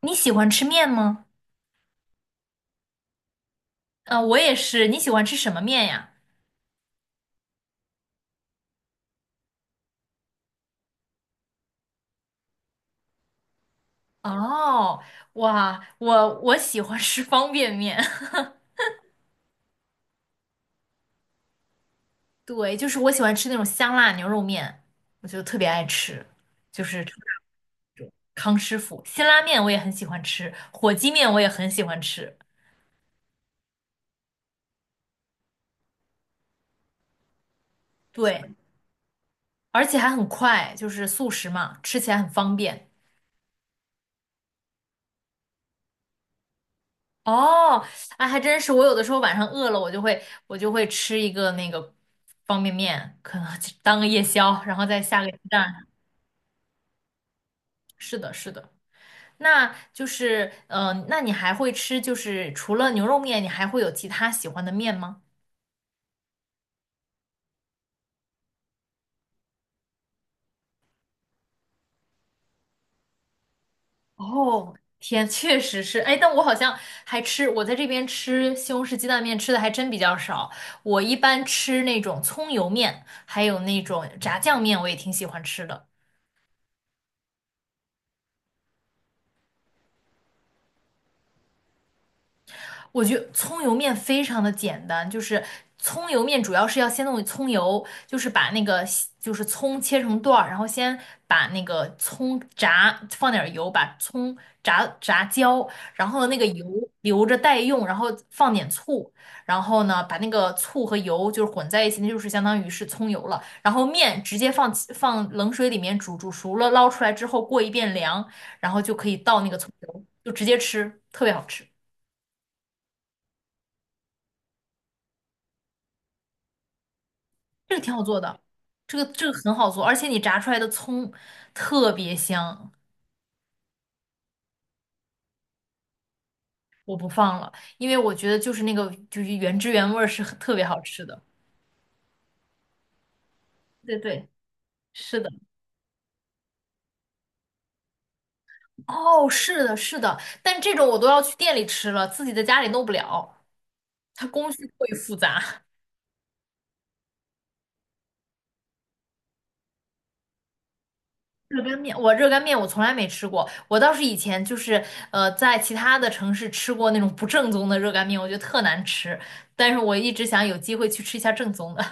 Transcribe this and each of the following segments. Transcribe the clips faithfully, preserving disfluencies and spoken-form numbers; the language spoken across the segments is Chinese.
你喜欢吃面吗？啊、我也是。你喜欢吃什么面呀？哦，哇，我我喜欢吃方便面。对，就是我喜欢吃那种香辣牛肉面，我就特别爱吃，就是康师傅辛拉面我也很喜欢吃，火鸡面我也很喜欢吃。对，而且还很快，就是速食嘛，吃起来很方便。哦，哎，还真是，我有的时候晚上饿了，我就会我就会吃一个那个方便面，可能就当个夜宵，然后再下个鸡蛋。是的，是的，那就是，嗯、呃那你还会吃，就是除了牛肉面，你还会有其他喜欢的面吗？哦，天，确实是，哎，但我好像还吃，我在这边吃西红柿鸡蛋面吃的还真比较少，我一般吃那种葱油面，还有那种炸酱面，我也挺喜欢吃的。我觉得葱油面非常的简单，就是葱油面主要是要先弄葱油，就是把那个就是葱切成段儿，然后先把那个葱炸，放点儿油，把葱炸炸焦，然后那个油留着待用，然后放点醋，然后呢把那个醋和油就是混在一起，那就是相当于是葱油了。然后面直接放放冷水里面煮，煮熟了捞出来之后过一遍凉，然后就可以倒那个葱油，就直接吃，特别好吃。这个挺好做的，这个这个很好做，而且你炸出来的葱特别香，我不放了，因为我觉得就是那个就是原汁原味儿是很特别好吃的。对对，是的，哦，是的，是的，但这种我都要去店里吃了，自己在家里弄不了，它工序过于复杂。热干面，我热干面我从来没吃过，我倒是以前就是呃在其他的城市吃过那种不正宗的热干面，我觉得特难吃，但是我一直想有机会去吃一下正宗的。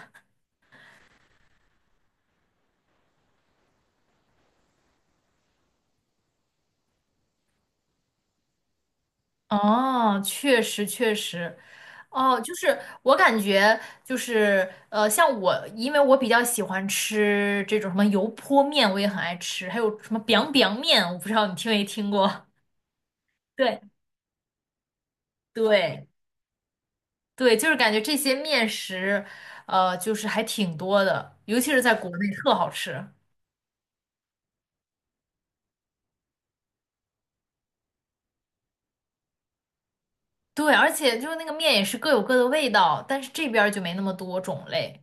哦，确实确实，哦，就是我感觉就是呃，像我，因为我比较喜欢吃这种什么油泼面，我也很爱吃，还有什么 biang biang 面，我不知道你听没听过。对对对，就是感觉这些面食，呃，就是还挺多的，尤其是在国内特好吃。对，而且就是那个面也是各有各的味道，但是这边儿就没那么多种类。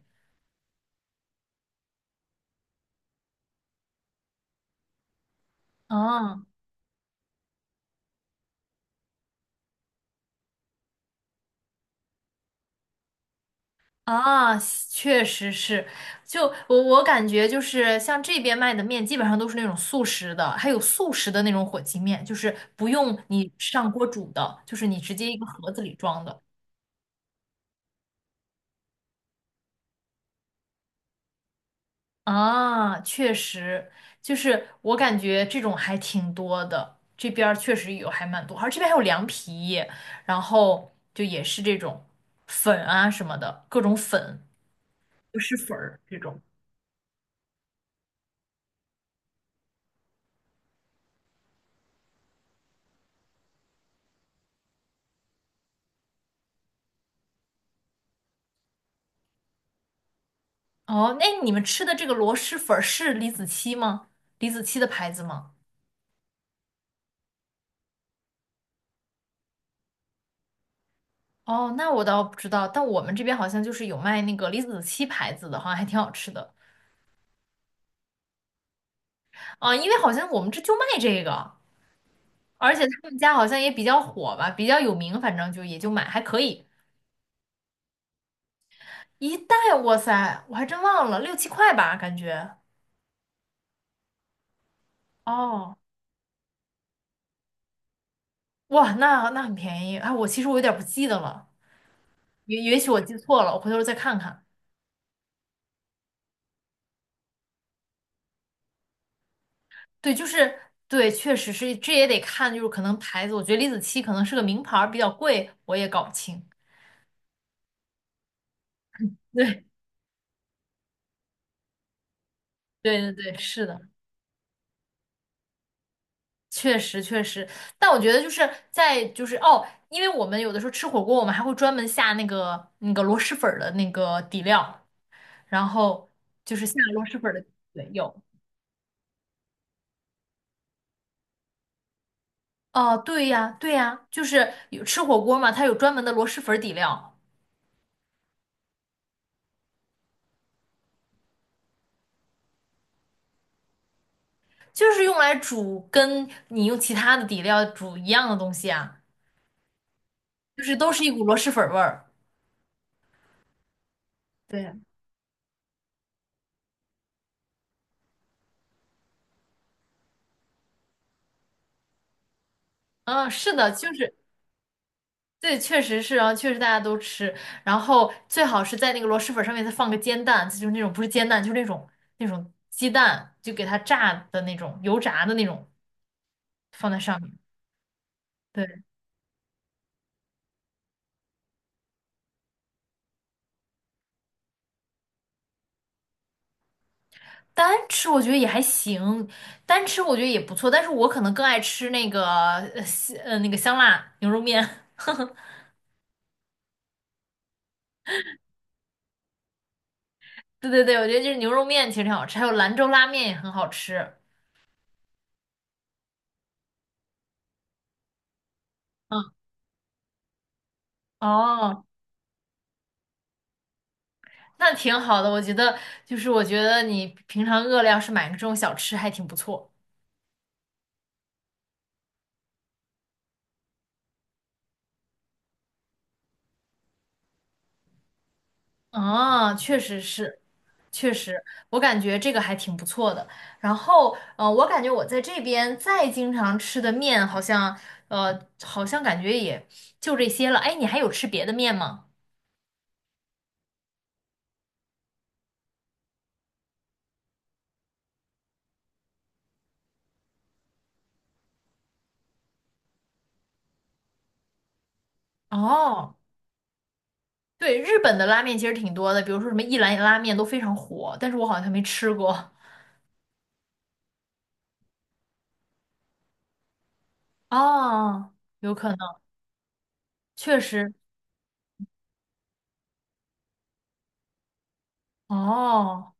嗯。啊，确实是，就我我感觉就是像这边卖的面，基本上都是那种速食的，还有速食的那种火鸡面，就是不用你上锅煮的，就是你直接一个盒子里装的。啊，确实，就是我感觉这种还挺多的，这边儿确实有还蛮多，而这边还有凉皮，然后就也是这种粉啊什么的，各种粉，就是粉儿这种。哦，那你们吃的这个螺蛳粉儿是李子柒吗？李子柒的牌子吗？哦，那我倒不知道，但我们这边好像就是有卖那个李子柒牌子的，好像还挺好吃的。啊、因为好像我们这就卖这个，而且他们家好像也比较火吧，比较有名，反正就也就买还可以。一袋，哇塞，我还真忘了，六七块吧，感觉。哦，哇，那那很便宜。哎，我其实我有点不记得了，也也许我记错了，我回头再看看。对，就是对，确实是，这也得看，就是可能牌子，我觉得李子柒可能是个名牌儿，比较贵，我也搞不清。对，对对对，是的，确实确实。但我觉得就是在就是哦，因为我们有的时候吃火锅，我们还会专门下那个那个螺蛳粉儿的那个底料，然后就是下螺蛳粉儿的，对，有。哦，对呀，对呀，就是有吃火锅嘛，它有专门的螺蛳粉儿底料，就是用来煮跟你用其他的底料煮一样的东西啊。就是都是一股螺蛳粉儿味儿。对，嗯，是的，就是对，确实是，然后确实大家都吃，然后最好是在那个螺蛳粉上面再放个煎蛋，就是那种不是煎蛋，就是那种那种鸡蛋，就给它炸的那种油炸的那种放在上面。对，单吃我觉得也还行，单吃我觉得也不错，但是我可能更爱吃那个呃西呃那个香辣牛肉面。对对对，我觉得就是牛肉面其实挺好吃，还有兰州拉面也很好吃。嗯，哦。那挺好的，我觉得就是我觉得你平常饿了，要是买个这种小吃还挺不错。啊，确实是，确实，我感觉这个还挺不错的。然后，呃，我感觉我在这边再经常吃的面，好像，呃，好像感觉也就这些了。哎，你还有吃别的面吗？哦，对，日本的拉面其实挺多的，比如说什么一兰拉面都非常火，但是我好像没吃过。哦，有可能，确实。哦。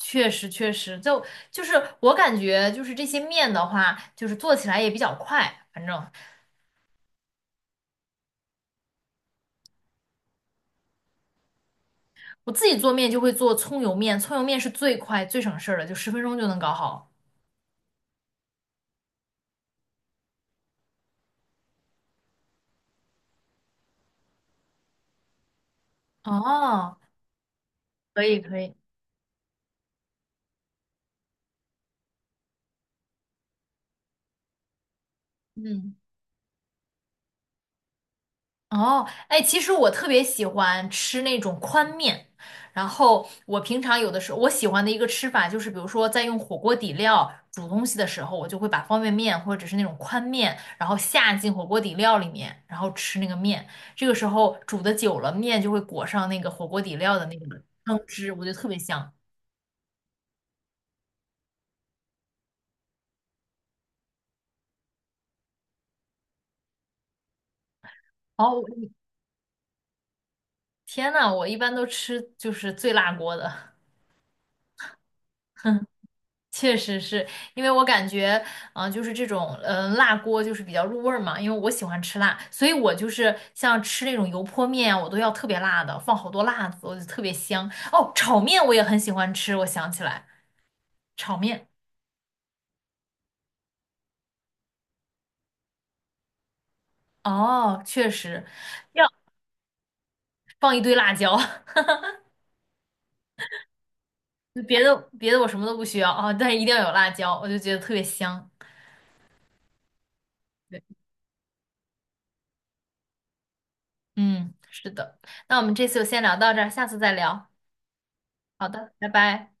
确实，确实，就就是我感觉，就是这些面的话，就是做起来也比较快。反正我自己做面就会做葱油面，葱油面是最快最省事儿的，就十分钟就能搞好。哦，可以，可以，嗯。哦，哎，其实我特别喜欢吃那种宽面，然后我平常有的时候我喜欢的一个吃法就是，比如说在用火锅底料煮东西的时候，我就会把方便面或者是那种宽面，然后下进火锅底料里面，然后吃那个面。这个时候煮的久了，面就会裹上那个火锅底料的那个汤汁，我觉得特别香。哦，天呐，我一般都吃就是最辣锅的。哼。确实是因为我感觉，嗯、就是这种，嗯、辣锅就是比较入味儿嘛。因为我喜欢吃辣，所以我就是像吃那种油泼面啊，我都要特别辣的，放好多辣子，我就特别香。哦，炒面我也很喜欢吃，我想起来，炒面，哦，确实要放一堆辣椒，别的别的我什么都不需要啊、但是一定要有辣椒，我就觉得特别香。对，嗯，是的。那我们这次就先聊到这儿，下次再聊。好的，拜拜。